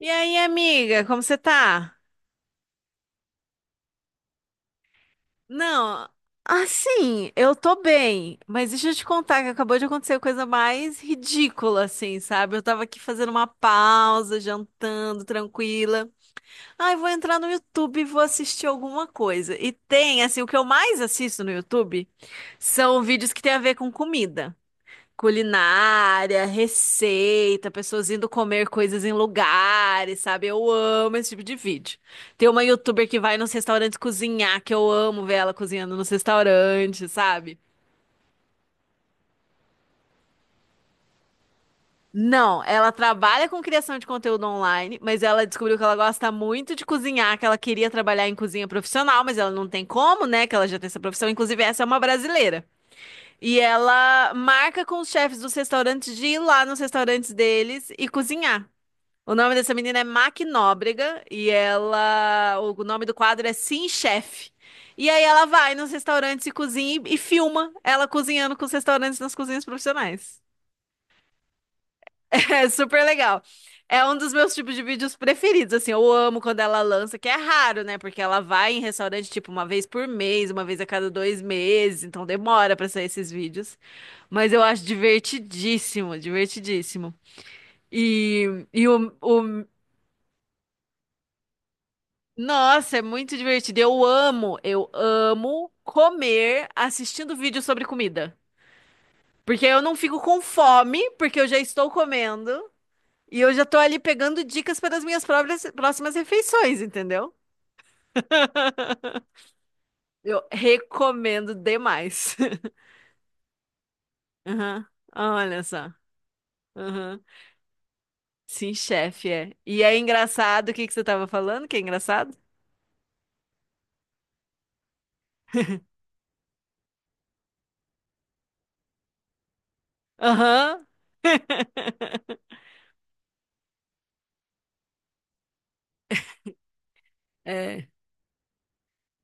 E aí, amiga, como você tá? Não, assim, eu tô bem, mas deixa eu te contar que acabou de acontecer a coisa mais ridícula, assim, sabe? Eu tava aqui fazendo uma pausa, jantando, tranquila. Ai, vou entrar no YouTube e vou assistir alguma coisa. E tem, assim, o que eu mais assisto no YouTube são vídeos que tem a ver com comida. Culinária, receita, pessoas indo comer coisas em lugares, sabe? Eu amo esse tipo de vídeo. Tem uma youtuber que vai nos restaurantes cozinhar, que eu amo ver ela cozinhando nos restaurantes, sabe? Não, ela trabalha com criação de conteúdo online, mas ela descobriu que ela gosta muito de cozinhar, que ela queria trabalhar em cozinha profissional, mas ela não tem como, né? Que ela já tem essa profissão. Inclusive, essa é uma brasileira. E ela marca com os chefes dos restaurantes de ir lá nos restaurantes deles e cozinhar. O nome dessa menina é Mac Nóbrega e ela, o nome do quadro é Sim, Chefe. E aí ela vai nos restaurantes e cozinha e filma ela cozinhando com os restaurantes nas cozinhas profissionais. É super legal. É um dos meus tipos de vídeos preferidos, assim, eu amo quando ela lança, que é raro, né? Porque ela vai em restaurante, tipo, uma vez por mês, uma vez a cada 2 meses, então demora pra sair esses vídeos. Mas eu acho divertidíssimo, divertidíssimo. E o Nossa, é muito divertido. Eu amo comer assistindo vídeo sobre comida. Porque eu não fico com fome, porque eu já estou comendo e eu já estou ali pegando dicas para as minhas próximas refeições, entendeu? Eu recomendo demais. Aham, olha só. Aham. Sim, chefe, é. E é engraçado, o que que você estava falando que é engraçado? Aham. É,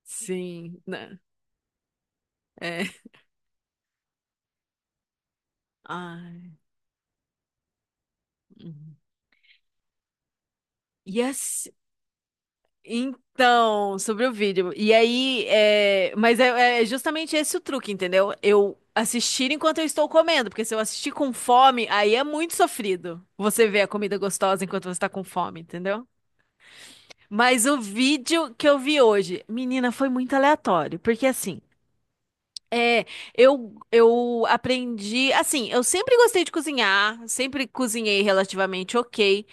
sim, né? É. Ah. Uhum. Yes. Então, sobre o vídeo. E aí, mas é justamente esse o truque, entendeu? Eu assistir enquanto eu estou comendo, porque se eu assistir com fome, aí é muito sofrido. Você vê a comida gostosa enquanto você está com fome, entendeu? Mas o vídeo que eu vi hoje, menina, foi muito aleatório, porque assim, é, eu aprendi, assim, eu sempre gostei de cozinhar, sempre cozinhei relativamente ok,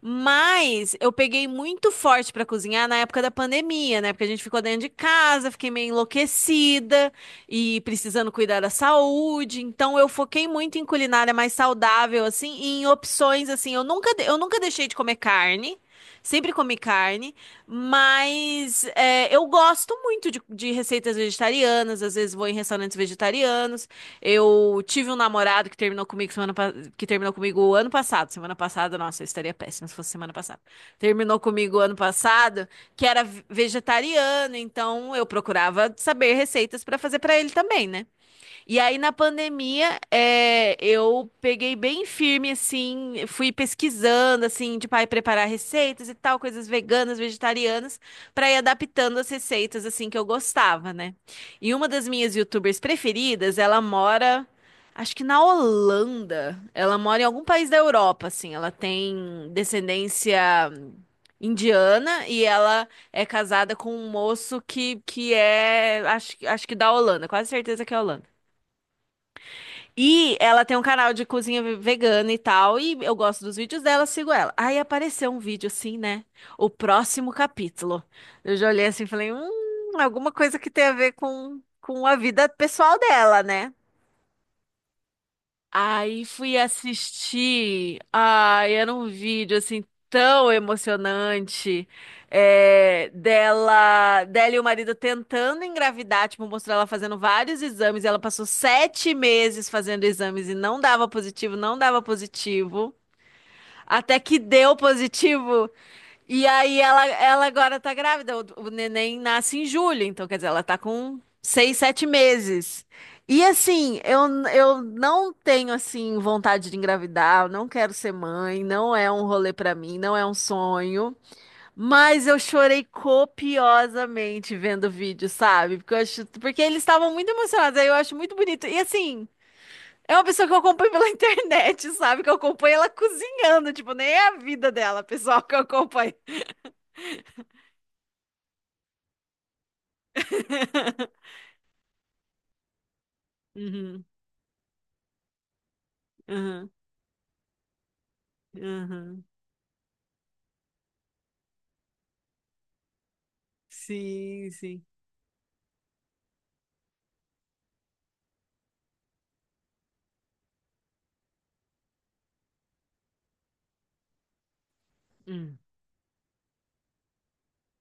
mas eu peguei muito forte pra cozinhar na época da pandemia, né? Porque a gente ficou dentro de casa, fiquei meio enlouquecida e precisando cuidar da saúde, então eu foquei muito em culinária mais saudável, assim, e em opções, assim, eu nunca deixei de comer carne, sempre comi carne, mas eu gosto muito de receitas vegetarianas, às vezes vou em restaurantes vegetarianos. Eu tive um namorado que terminou comigo que terminou comigo o ano passado. Semana passada, nossa, eu estaria péssima se fosse semana passada. Terminou comigo o ano passado, que era vegetariano, então eu procurava saber receitas pra fazer pra ele também, né? E aí, na pandemia, eu peguei bem firme, assim, fui pesquisando, assim, de aí preparar receitas e tal, coisas veganas, vegetarianas, para ir adaptando as receitas, assim, que eu gostava, né? E uma das minhas YouTubers preferidas, ela mora, acho que na Holanda, ela mora em algum país da Europa, assim, ela tem descendência indiana e ela é casada com um moço que é, acho, acho que da Holanda, quase certeza que é holanda. E ela tem um canal de cozinha vegana e tal, e eu gosto dos vídeos dela, sigo ela. Aí apareceu um vídeo assim, né? O próximo capítulo. Eu já olhei assim e falei, alguma coisa que tem a ver com a vida pessoal dela, né? Aí fui assistir. Ai, era um vídeo assim tão emocionante, dela e o marido tentando engravidar, tipo, mostrou ela fazendo vários exames. Ela passou 7 meses fazendo exames e não dava positivo, não dava positivo, até que deu positivo. E aí ela agora tá grávida. O neném nasce em julho, então quer dizer, ela tá com 6, 7 meses. E assim, eu não tenho assim vontade de engravidar, eu não quero ser mãe, não é um rolê pra mim, não é um sonho, mas eu chorei copiosamente vendo o vídeo, sabe? Porque eu acho, porque eles estavam muito emocionados, aí eu acho muito bonito. E assim, é uma pessoa que eu acompanho pela internet, sabe? Que eu acompanho ela cozinhando, tipo, nem é a vida dela, pessoal, que eu acompanho. Uhum, uhum, uhum. Sim, sim. Hum.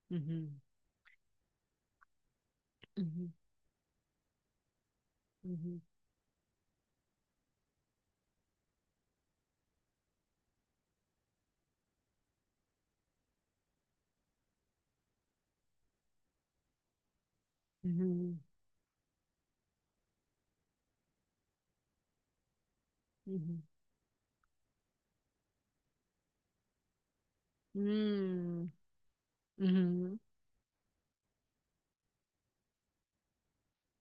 Uhum, uhum, uhum, uhum, uhum. Hum, uhum,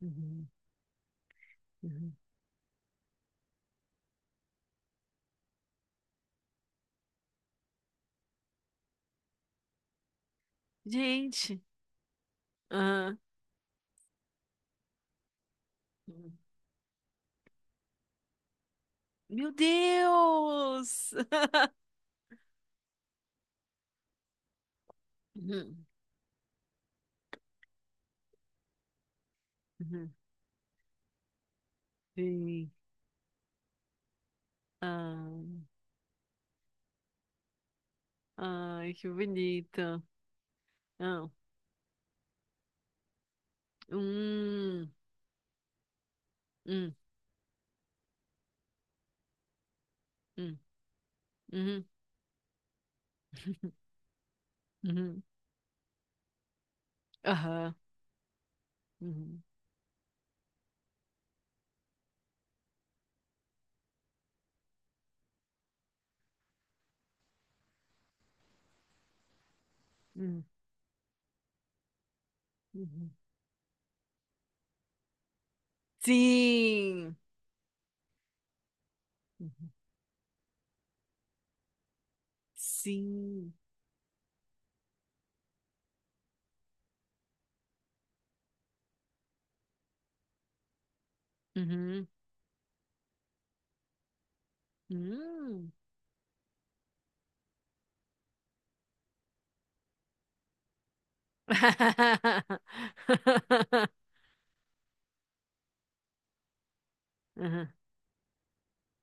uhum, uhum. Gente, ah, uhum. Meu Deus! Uhum, uhum. Sim. Ah, ai, que bonito. Ah, hum, hum, hum, uhum, uhum, aham, uhum, uhum, uhum. Sim! Uhum. Sim. Uhum. Hum. Uhum.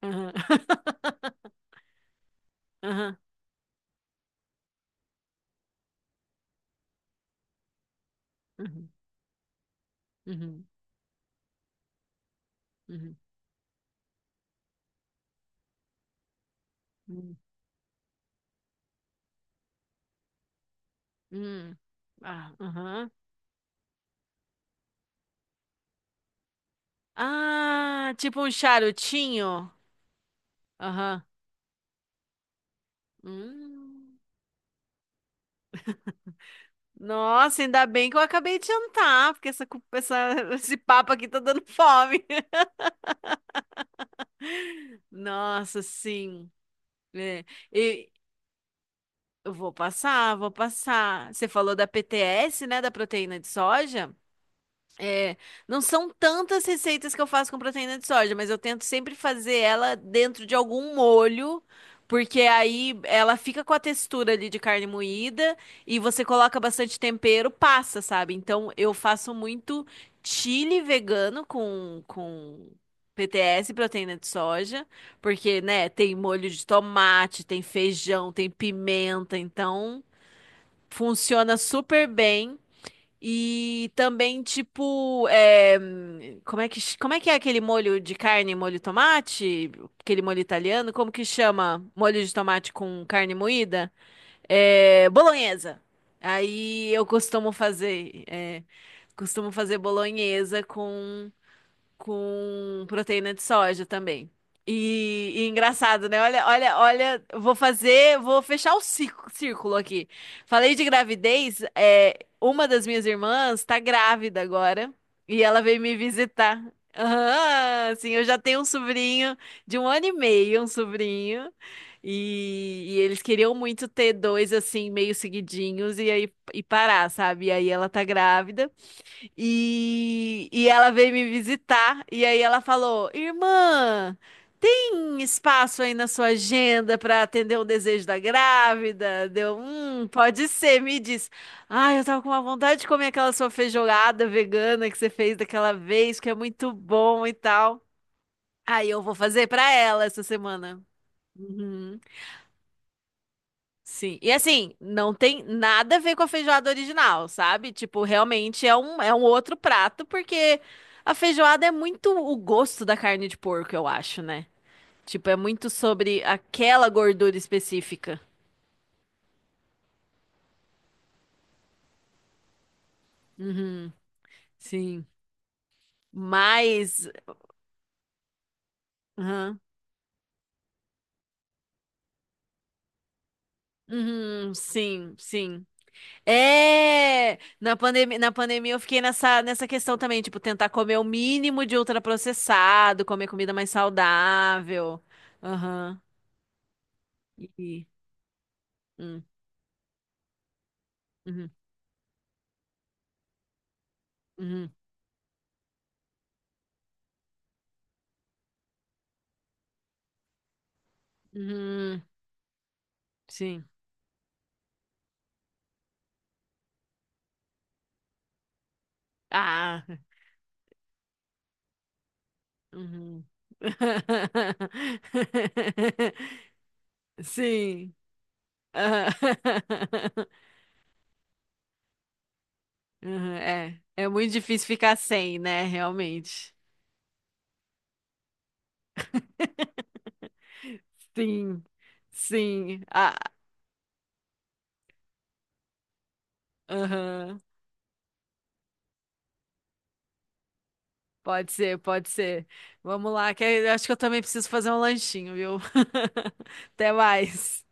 Uhum. Uhum. Uhum. Uhum. Uhum. Uhum. Uhum. Ah, uhum. Ah, tipo um charutinho. Aham. Hum. Nossa, ainda bem que eu acabei de jantar, porque esse papo aqui tá dando fome. Nossa, sim. É. E eu vou passar, vou passar. Você falou da PTS, né, da proteína de soja? É, não são tantas receitas que eu faço com proteína de soja, mas eu tento sempre fazer ela dentro de algum molho, porque aí ela fica com a textura ali de carne moída e você coloca bastante tempero, passa, sabe? Então eu faço muito chili vegano com, PTS, proteína de soja, porque, né, tem molho de tomate, tem feijão, tem pimenta, então funciona super bem. E também, tipo, como é que é aquele molho de carne, molho tomate? Aquele molho italiano, como que chama? Molho de tomate com carne moída? É, bolonhesa. Aí eu costumo fazer, é, costumo fazer bolonhesa com proteína de soja também. E engraçado, né? Olha, olha, olha, eu vou fazer, vou fechar o círculo aqui. Falei de gravidez, uma das minhas irmãs tá grávida agora e ela veio me visitar. Aham, sim, eu já tenho um sobrinho de um ano e meio, um sobrinho, e eles queriam muito ter dois assim, meio seguidinhos, e aí e parar, sabe? E aí ela tá grávida. E ela veio me visitar e aí ela falou: Irmã, tem espaço aí na sua agenda para atender o desejo da grávida? Deu, pode ser, me diz. Ai, eu tava com uma vontade de comer aquela sua feijoada vegana que você fez daquela vez, que é muito bom e tal. Aí eu vou fazer para ela essa semana. Uhum. Sim. E assim, não tem nada a ver com a feijoada original, sabe? Tipo, realmente é um outro prato, porque a feijoada é muito o gosto da carne de porco, eu acho, né? Tipo, é muito sobre aquela gordura específica. Uhum, sim. Mas. Aham. Uhum, sim, sim. É, na pandemia eu fiquei nessa questão também, tipo, tentar comer o mínimo de ultraprocessado, comer comida mais saudável. Aham. E, hum, uhum, uhum, uhum, sim. Ah, uhum. Sim. Ah. Uhum. É, é muito difícil ficar sem, né? Realmente. Sim, sim. Ah, aham. Pode ser, pode ser. Vamos lá, que eu acho que eu também preciso fazer um lanchinho, viu? Até mais.